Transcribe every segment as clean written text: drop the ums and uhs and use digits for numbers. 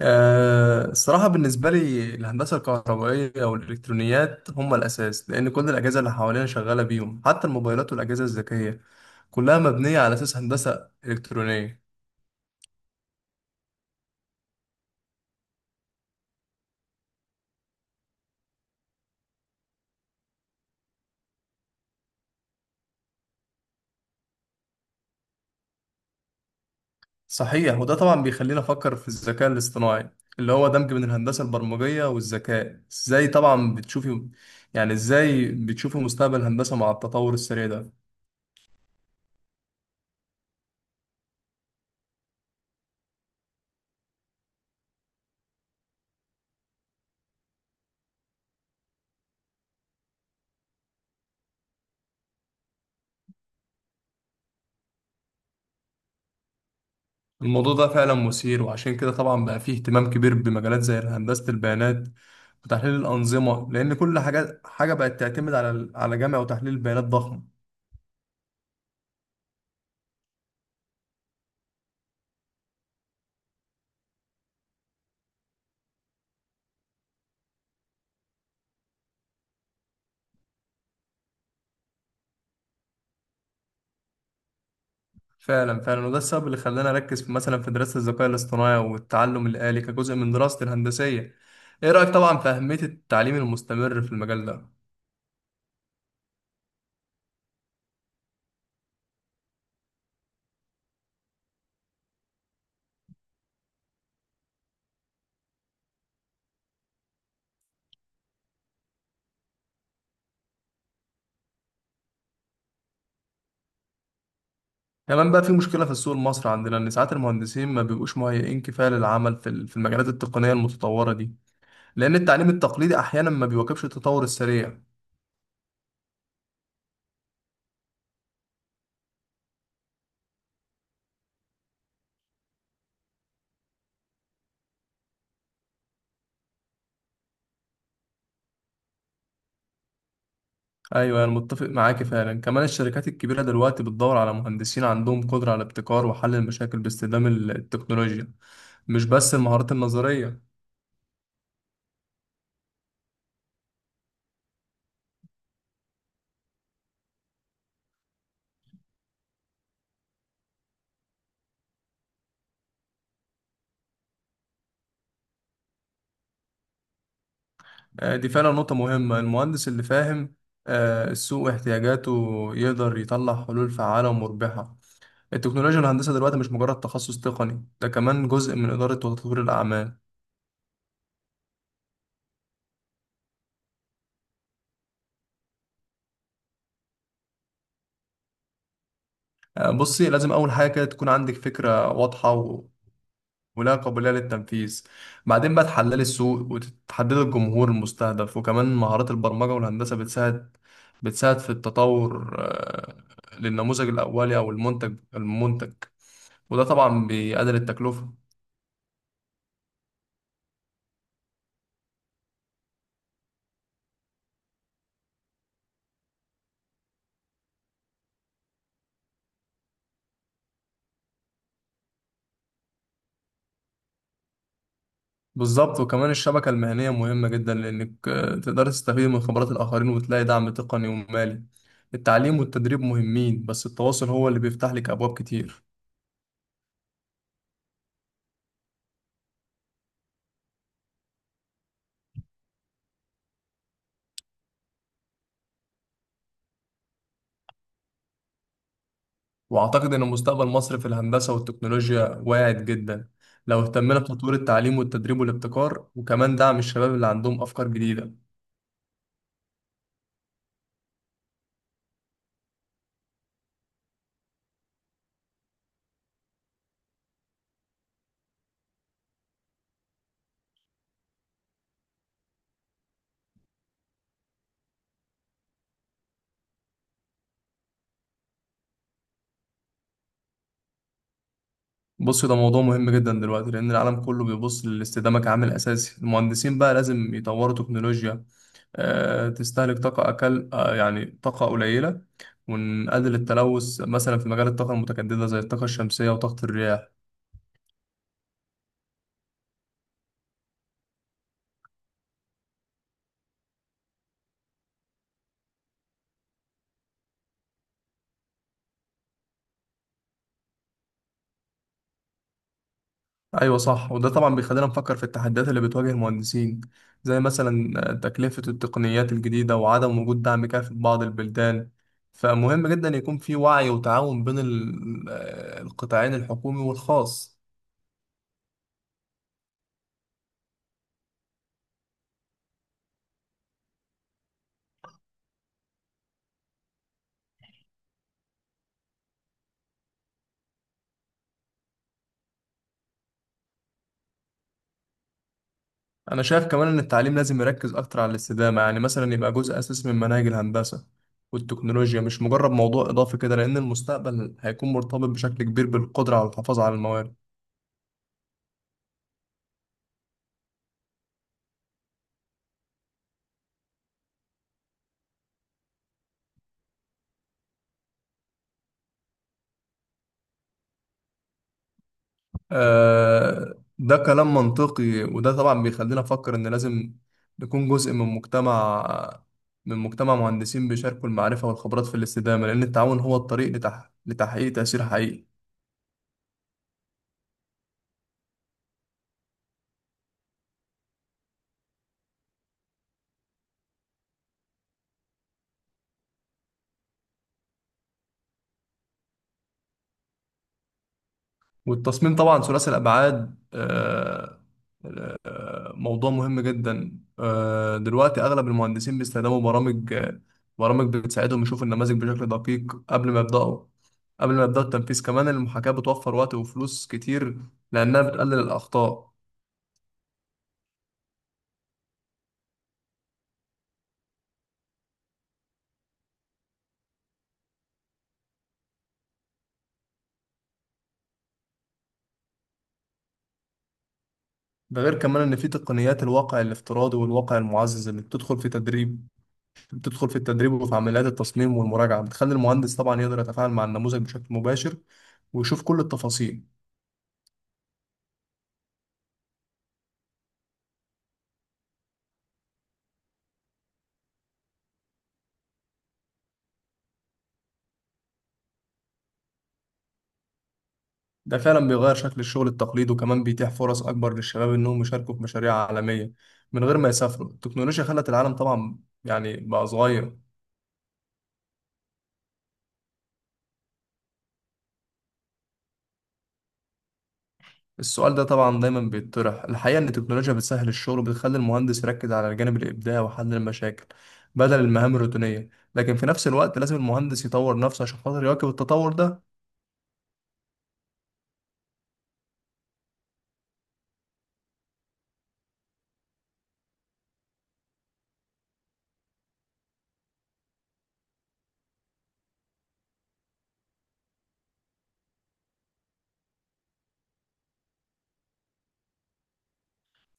الصراحة بالنسبة لي الهندسة الكهربائية والإلكترونيات هم الأساس، لأن كل الأجهزة اللي حوالينا شغالة بيهم، حتى الموبايلات والأجهزة الذكية كلها مبنية على أساس هندسة إلكترونية. صحيح، وده طبعا بيخلينا نفكر في الذكاء الاصطناعي اللي هو دمج بين الهندسة البرمجية والذكاء. إزاي طبعا بتشوفي يعني إزاي بتشوفي مستقبل الهندسة مع التطور السريع ده؟ الموضوع ده فعلا مثير، وعشان كده طبعا بقى فيه اهتمام كبير بمجالات زي هندسة البيانات وتحليل الأنظمة، لأن كل حاجة بقت تعتمد على جمع وتحليل بيانات ضخم. فعلا فعلا، وده السبب اللي خلاني أركز في، مثلا، في دراسة الذكاء الاصطناعي والتعلم الآلي كجزء من دراستي الهندسية. إيه رأيك طبعا في أهمية التعليم المستمر في المجال ده؟ كمان بقى في مشكلة في السوق المصري عندنا، إن ساعات المهندسين ما بيبقوش مهيئين كفاية للعمل في في المجالات التقنية المتطورة دي، لأن التعليم التقليدي أحيانا ما بيواكبش التطور السريع. ايوه، انا متفق معاك فعلا. كمان الشركات الكبيره دلوقتي بتدور على مهندسين عندهم قدره على ابتكار وحل المشاكل باستخدام التكنولوجيا، مش بس المهارات النظريه. دي فعلا نقطه مهمه. المهندس اللي فاهم السوق واحتياجاته يقدر يطلع حلول فعاله ومربحه. التكنولوجيا والهندسه دلوقتي مش مجرد تخصص تقني، ده كمان جزء من اداره وتطوير الاعمال. بصي، لازم اول حاجه كده تكون عندك فكره واضحه ولا قابلية للتنفيذ. بعدين بقى تحللي السوق وتحددي الجمهور المستهدف، وكمان مهارات البرمجة والهندسة بتساعد في التطور للنموذج الأولي أو المنتج، وده طبعا بيقلل التكلفة. بالظبط، وكمان الشبكة المهنية مهمة جدا لأنك تقدري تستفيد من خبرات الآخرين وتلاقي دعم تقني ومالي. التعليم والتدريب مهمين، بس التواصل هو اللي بيفتح لك أبواب كتير. وأعتقد إن مستقبل مصر في الهندسة والتكنولوجيا واعد جدا لو اهتمنا بتطوير التعليم والتدريب والابتكار، وكمان دعم الشباب اللي عندهم أفكار جديدة. بص، ده موضوع مهم جدا دلوقتي، لأن العالم كله بيبص للاستدامة كعامل أساسي. المهندسين بقى لازم يطوروا تكنولوجيا تستهلك طاقة أقل، يعني طاقة قليلة، ونقلل التلوث، مثلا في مجال الطاقة المتجددة زي الطاقة الشمسية وطاقة الرياح. ايوه صح، وده طبعا بيخلينا نفكر في التحديات اللي بتواجه المهندسين، زي مثلا تكلفة التقنيات الجديدة وعدم وجود دعم كافي في بعض البلدان. فمهم جدا يكون في وعي وتعاون بين القطاعين الحكومي والخاص. انا شايف كمان ان التعليم لازم يركز اكتر على الاستدامة، يعني مثلا يبقى جزء اساسي من مناهج الهندسة والتكنولوجيا، مش مجرد موضوع اضافي كده، لان المستقبل هيكون مرتبط بشكل كبير بالقدرة على الحفاظ على المواد. ده كلام منطقي، وده طبعا بيخلينا نفكر ان لازم نكون جزء من مجتمع مهندسين بيشاركوا المعرفة والخبرات في الاستدامة، لأن التعاون هو الطريق لتحقيق تأثير حقيقي. والتصميم طبعا ثلاثي الأبعاد موضوع مهم جدا. دلوقتي أغلب المهندسين بيستخدموا برامج بتساعدهم يشوفوا النماذج بشكل دقيق قبل ما يبدأوا التنفيذ. كمان المحاكاة بتوفر وقت وفلوس كتير لأنها بتقلل الأخطاء. ده غير كمان ان في تقنيات الواقع الافتراضي والواقع المعزز اللي بتدخل في التدريب وفي عمليات التصميم والمراجعه، بتخلي المهندس طبعا يقدر يتفاعل مع النموذج بشكل مباشر ويشوف كل التفاصيل. ده فعلا بيغير شكل الشغل التقليدي، وكمان بيتيح فرص اكبر للشباب انهم يشاركوا في مشاريع عالميه من غير ما يسافروا. التكنولوجيا خلت العالم طبعا يعني بقى صغير. السؤال ده طبعا دايما بيتطرح. الحقيقة إن التكنولوجيا بتسهل الشغل وبتخلي المهندس يركز على الجانب الإبداعي وحل المشاكل بدل المهام الروتينية، لكن في نفس الوقت لازم المهندس يطور نفسه عشان خاطر يواكب التطور ده.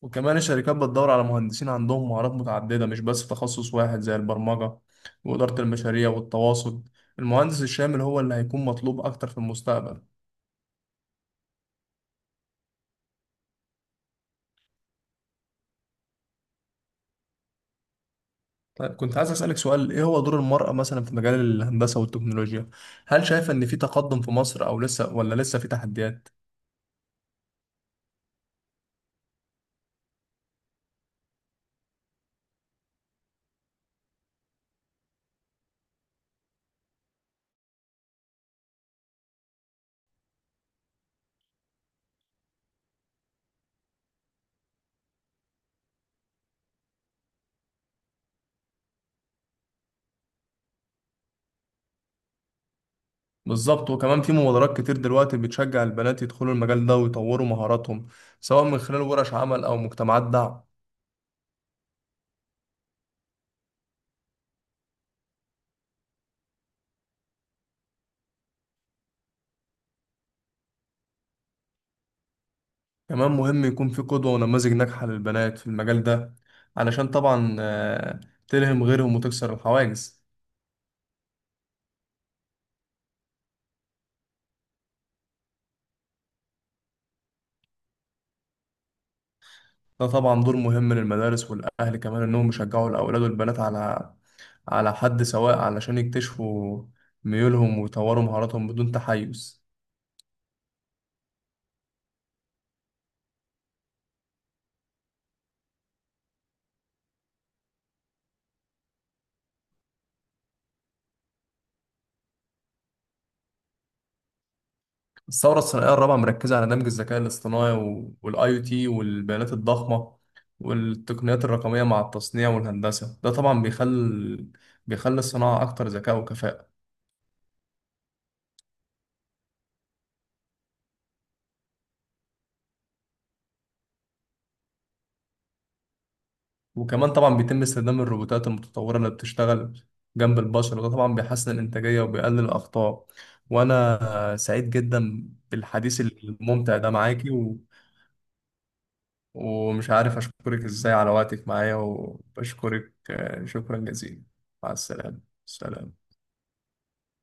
وكمان الشركات بتدور على مهندسين عندهم مهارات متعددة، مش بس تخصص واحد، زي البرمجة وإدارة المشاريع والتواصل. المهندس الشامل هو اللي هيكون مطلوب أكتر في المستقبل. طيب، كنت عايز أسألك سؤال: إيه هو دور المرأة مثلا في مجال الهندسة والتكنولوجيا؟ هل شايفة إن في تقدم في مصر، أو لسه ولا لسه في تحديات؟ بالظبط، وكمان في مبادرات كتير دلوقتي بتشجع البنات يدخلوا المجال ده ويطوروا مهاراتهم، سواء من خلال ورش عمل أو مجتمعات دعم. كمان مهم يكون في قدوة ونماذج ناجحة للبنات في المجال ده علشان طبعا تلهم غيرهم وتكسر الحواجز. ده طبعا دور مهم للمدارس والأهل كمان، إنهم يشجعوا الأولاد والبنات على حد سواء، علشان يكتشفوا ميولهم ويطوروا مهاراتهم بدون تحيز. الثورة الصناعية الرابعة مركزة على دمج الذكاء الاصطناعي والاي او تي والبيانات الضخمة والتقنيات الرقمية مع التصنيع والهندسة. ده طبعا بيخلي الصناعة أكتر ذكاء وكفاءة. وكمان طبعا بيتم استخدام الروبوتات المتطورة اللي بتشتغل جنب البشر، وده طبعا بيحسن الإنتاجية وبيقلل الأخطاء. وأنا سعيد جدا بالحديث الممتع ده معاكي ومش عارف أشكرك إزاي على وقتك معايا، وبشكرك شكرا جزيلا. مع السلامة. سلام.